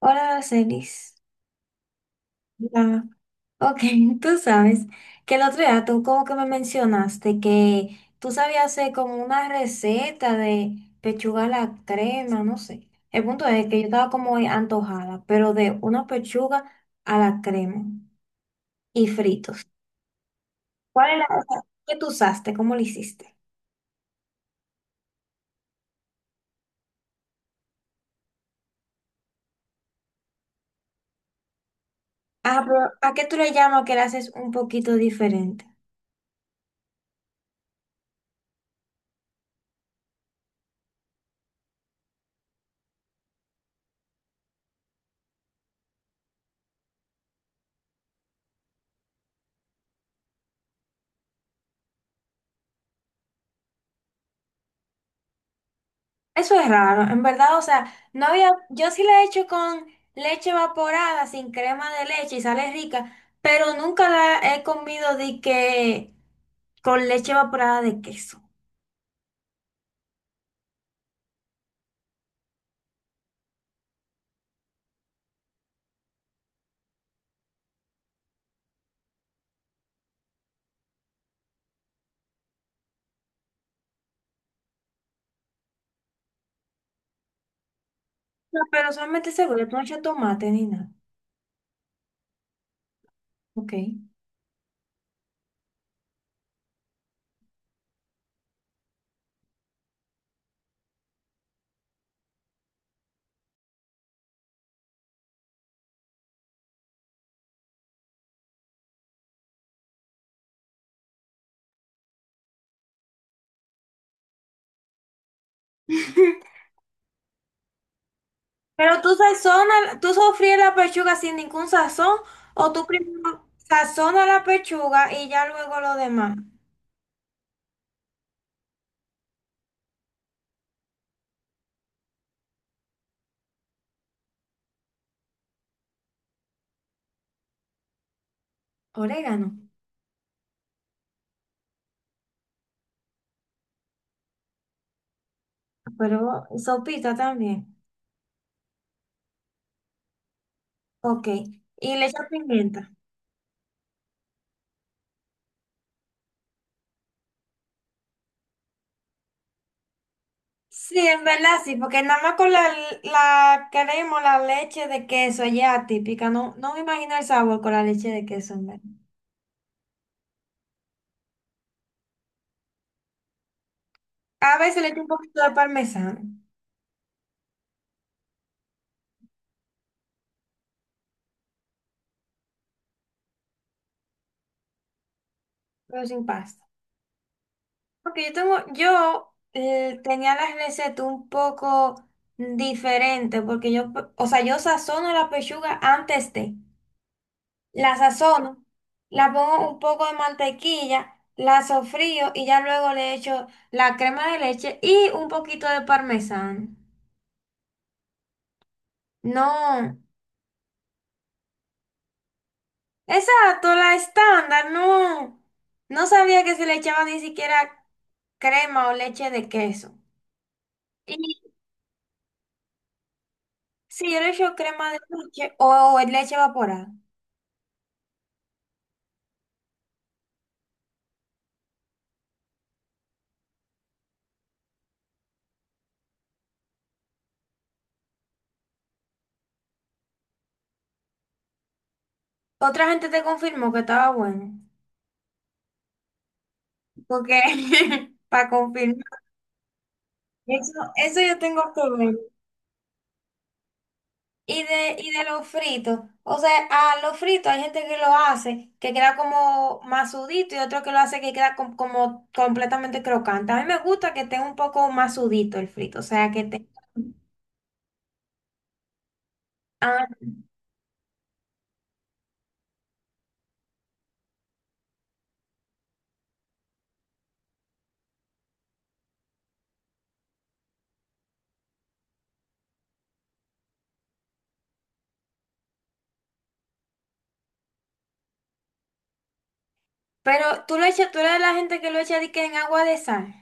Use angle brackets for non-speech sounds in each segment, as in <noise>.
Hola, Celis. Hola. Ok, <laughs> tú sabes que el otro día tú como que me mencionaste que tú sabías hacer como una receta de pechuga a la crema, no sé. El punto es que yo estaba como antojada, pero de una pechuga a la crema y fritos. ¿Cuál era esa que tú usaste? ¿Cómo lo hiciste? Ah, pero ¿a qué tú le llamas que la haces un poquito diferente? Eso es raro, en verdad, o sea, no había, yo sí la he hecho con leche evaporada, sin crema de leche y sale rica, pero nunca la he comido de que con leche evaporada de queso. No, pero solamente seguro, tú no echas tomate ni nada. Ok. <laughs> Pero tú sazonas, tú sofríes la pechuga sin ningún sazón, o tú primero sazonas la pechuga y ya luego lo demás. Orégano, pero sopita también. Ok. Y le echas pimienta. Sí, en verdad sí, porque nada más con la, la crema o la leche de queso ya típica, no, no me imagino el sabor con la leche de queso, en verdad. A veces le echo un poquito de parmesano, pero sin pasta. Porque yo tengo, yo tenía las recetas un poco diferentes, porque yo, o sea, yo sazono la pechuga antes de, la sazono, la pongo un poco de mantequilla, la sofrío y ya luego le echo la crema de leche y un poquito de parmesano. No, exacto, la estándar, no. No sabía que se le echaba ni siquiera crema o leche de queso. Y sí, yo le echo crema de leche o leche evaporada. Otra gente te confirmó que estaba bueno. Porque, <laughs> para confirmar, eso yo tengo que ver. Y de los fritos, o sea, a los fritos hay gente que lo hace, que queda como masudito y otro que lo hace que queda com- como completamente crocante. A mí me gusta que esté un poco masudito el frito, o sea, que te... Ah, pero tú lo echas, tú eres de la gente que lo echa de que en agua de sal.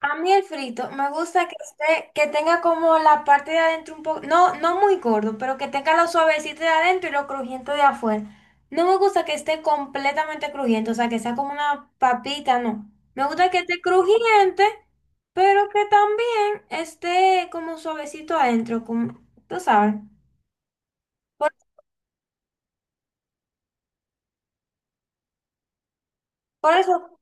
A mí el frito me gusta que esté, que tenga como la parte de adentro un poco, no, no muy gordo, pero que tenga lo suavecito de adentro y lo crujiente de afuera. No me gusta que esté completamente crujiente, o sea, que sea como una papita, no. Me gusta que esté crujiente, pero que también esté como suavecito adentro, como, tú sabes. Por eso,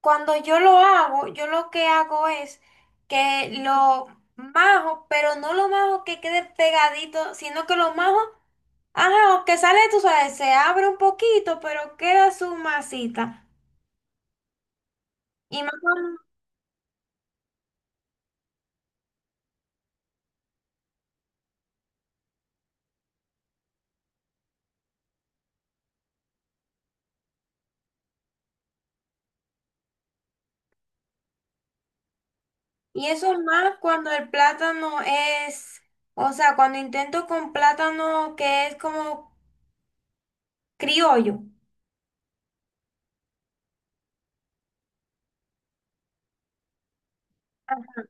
cuando yo lo hago, yo lo que hago es que lo majo, pero no lo majo que quede pegadito, sino que lo majo, ajá, que sale, tú sabes, se abre un poquito, pero queda su masita. Y, más cuando- y eso es más cuando el plátano es, o sea, cuando intento con plátano que es como criollo. Ajá.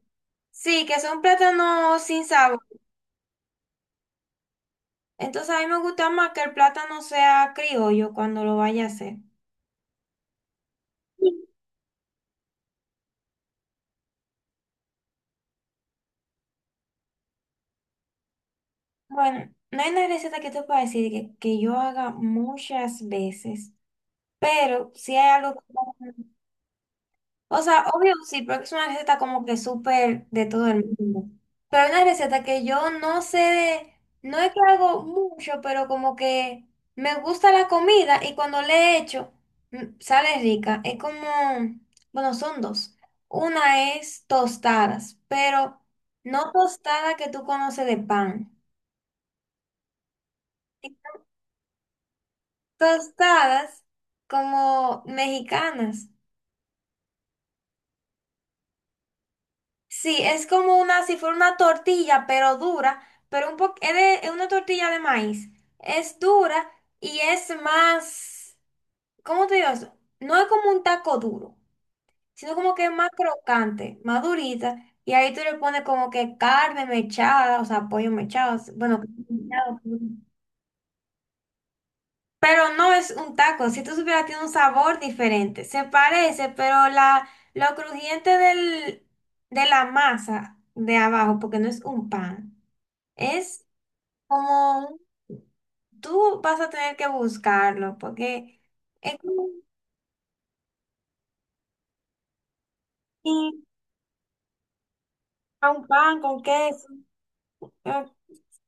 Sí, que son plátanos sin sabor. Entonces a mí me gusta más que el plátano sea criollo cuando lo vaya a hacer. Bueno, no hay una receta que te pueda decir que yo haga muchas veces, pero si hay algo como- O sea, obvio sí, porque es una receta como que súper de todo el mundo. Pero hay una receta que yo no sé de... No es que hago mucho, pero como que me gusta la comida y cuando le he hecho, mm, sale rica. Es como... Bueno, son dos. Una es tostadas, pero no tostada que tú conoces de pan. Tostadas como mexicanas. Sí, es como una, si fuera una tortilla, pero dura, pero un poco, es, de- es una tortilla de maíz. Es dura y es más, ¿cómo te digo eso? No es como un taco duro, sino como que es más crocante, más durita. Y ahí tú le pones como que carne mechada, o sea, pollo mechado, bueno, mechado. Pero no es un taco, si tú supieras, tiene un sabor diferente. Se parece, pero la, lo crujiente del, de la masa de abajo, porque no es un pan, es como, un- tú vas a tener que buscarlo, porque es como un sí, a un pan con queso. eh,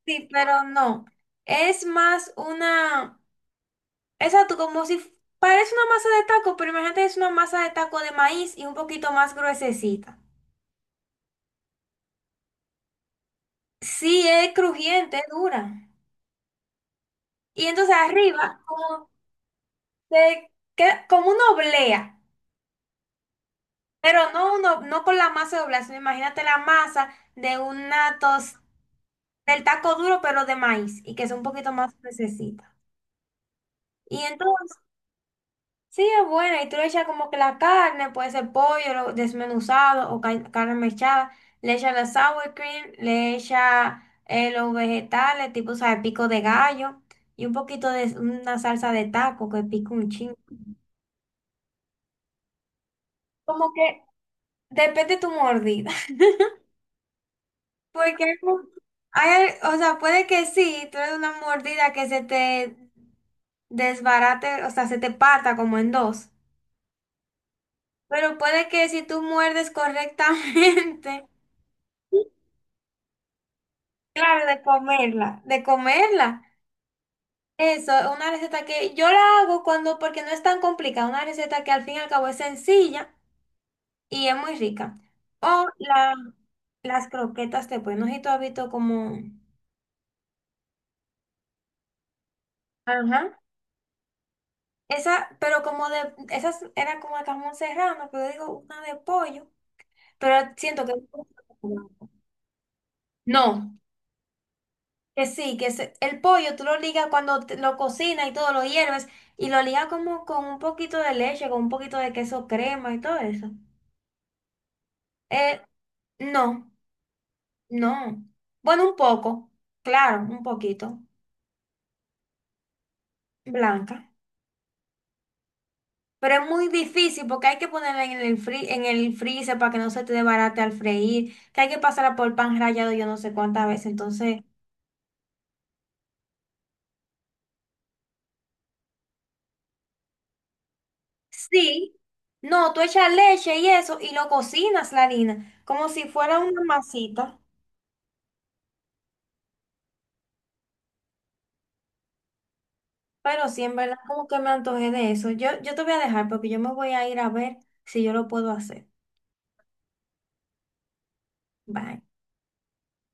Sí, pero no. Es más una, exacto, como si f- parece una masa de taco, pero imagínate es una masa de taco de maíz y un poquito más gruesecita. Sí, es crujiente, es dura. Y entonces arriba, como, se queda- como una oblea, pero no, uno, no con la masa de oblea, sino imagínate la masa de una tos, del taco duro, pero de maíz, y que es un poquito más necesita. Y entonces sí, es buena. Y tú le echas como que la carne, puede ser pollo lo- desmenuzado o ca- carne mechada. Le echas la sour cream, le echas los vegetales, tipo, ¿sabes? Pico de gallo y un poquito de una salsa de taco que pica un chingo. Como que depende de tu mordida. <laughs> Porque hay, mu- hay- o sea, puede que sí, tú eres una mordida que se te desbarate, o sea, se te parta como en dos. Pero puede que si tú muerdes correctamente. <laughs> Claro, de comerla, de comerla. Eso es una receta que yo la hago cuando, porque no es tan complicada, una receta que al fin y al cabo es sencilla y es muy rica. O la, las croquetas de pollo, no sé si tú has visto como... Ajá. Esa, pero como de, esas era como de jamón serrano, pero yo digo una de pollo, pero siento que... No, que sí, que se- el pollo tú lo ligas cuando te- lo cocinas y todo, lo hierves y lo ligas como con un poquito de leche, con un poquito de queso crema y todo eso. Eh, no, no. Bueno, un poco, claro, un poquito, blanca. Pero es muy difícil porque hay que ponerla en el fri- en el freezer para que no se te desbarate al freír, que hay que pasarla por pan rallado yo no sé cuántas veces. Entonces, sí, no, tú echas leche y eso y lo cocinas la harina, como si fuera una masita. Pero sí, en verdad como que me antojé de eso. Yo te voy a dejar porque yo me voy a ir a ver si yo lo puedo hacer. Bye.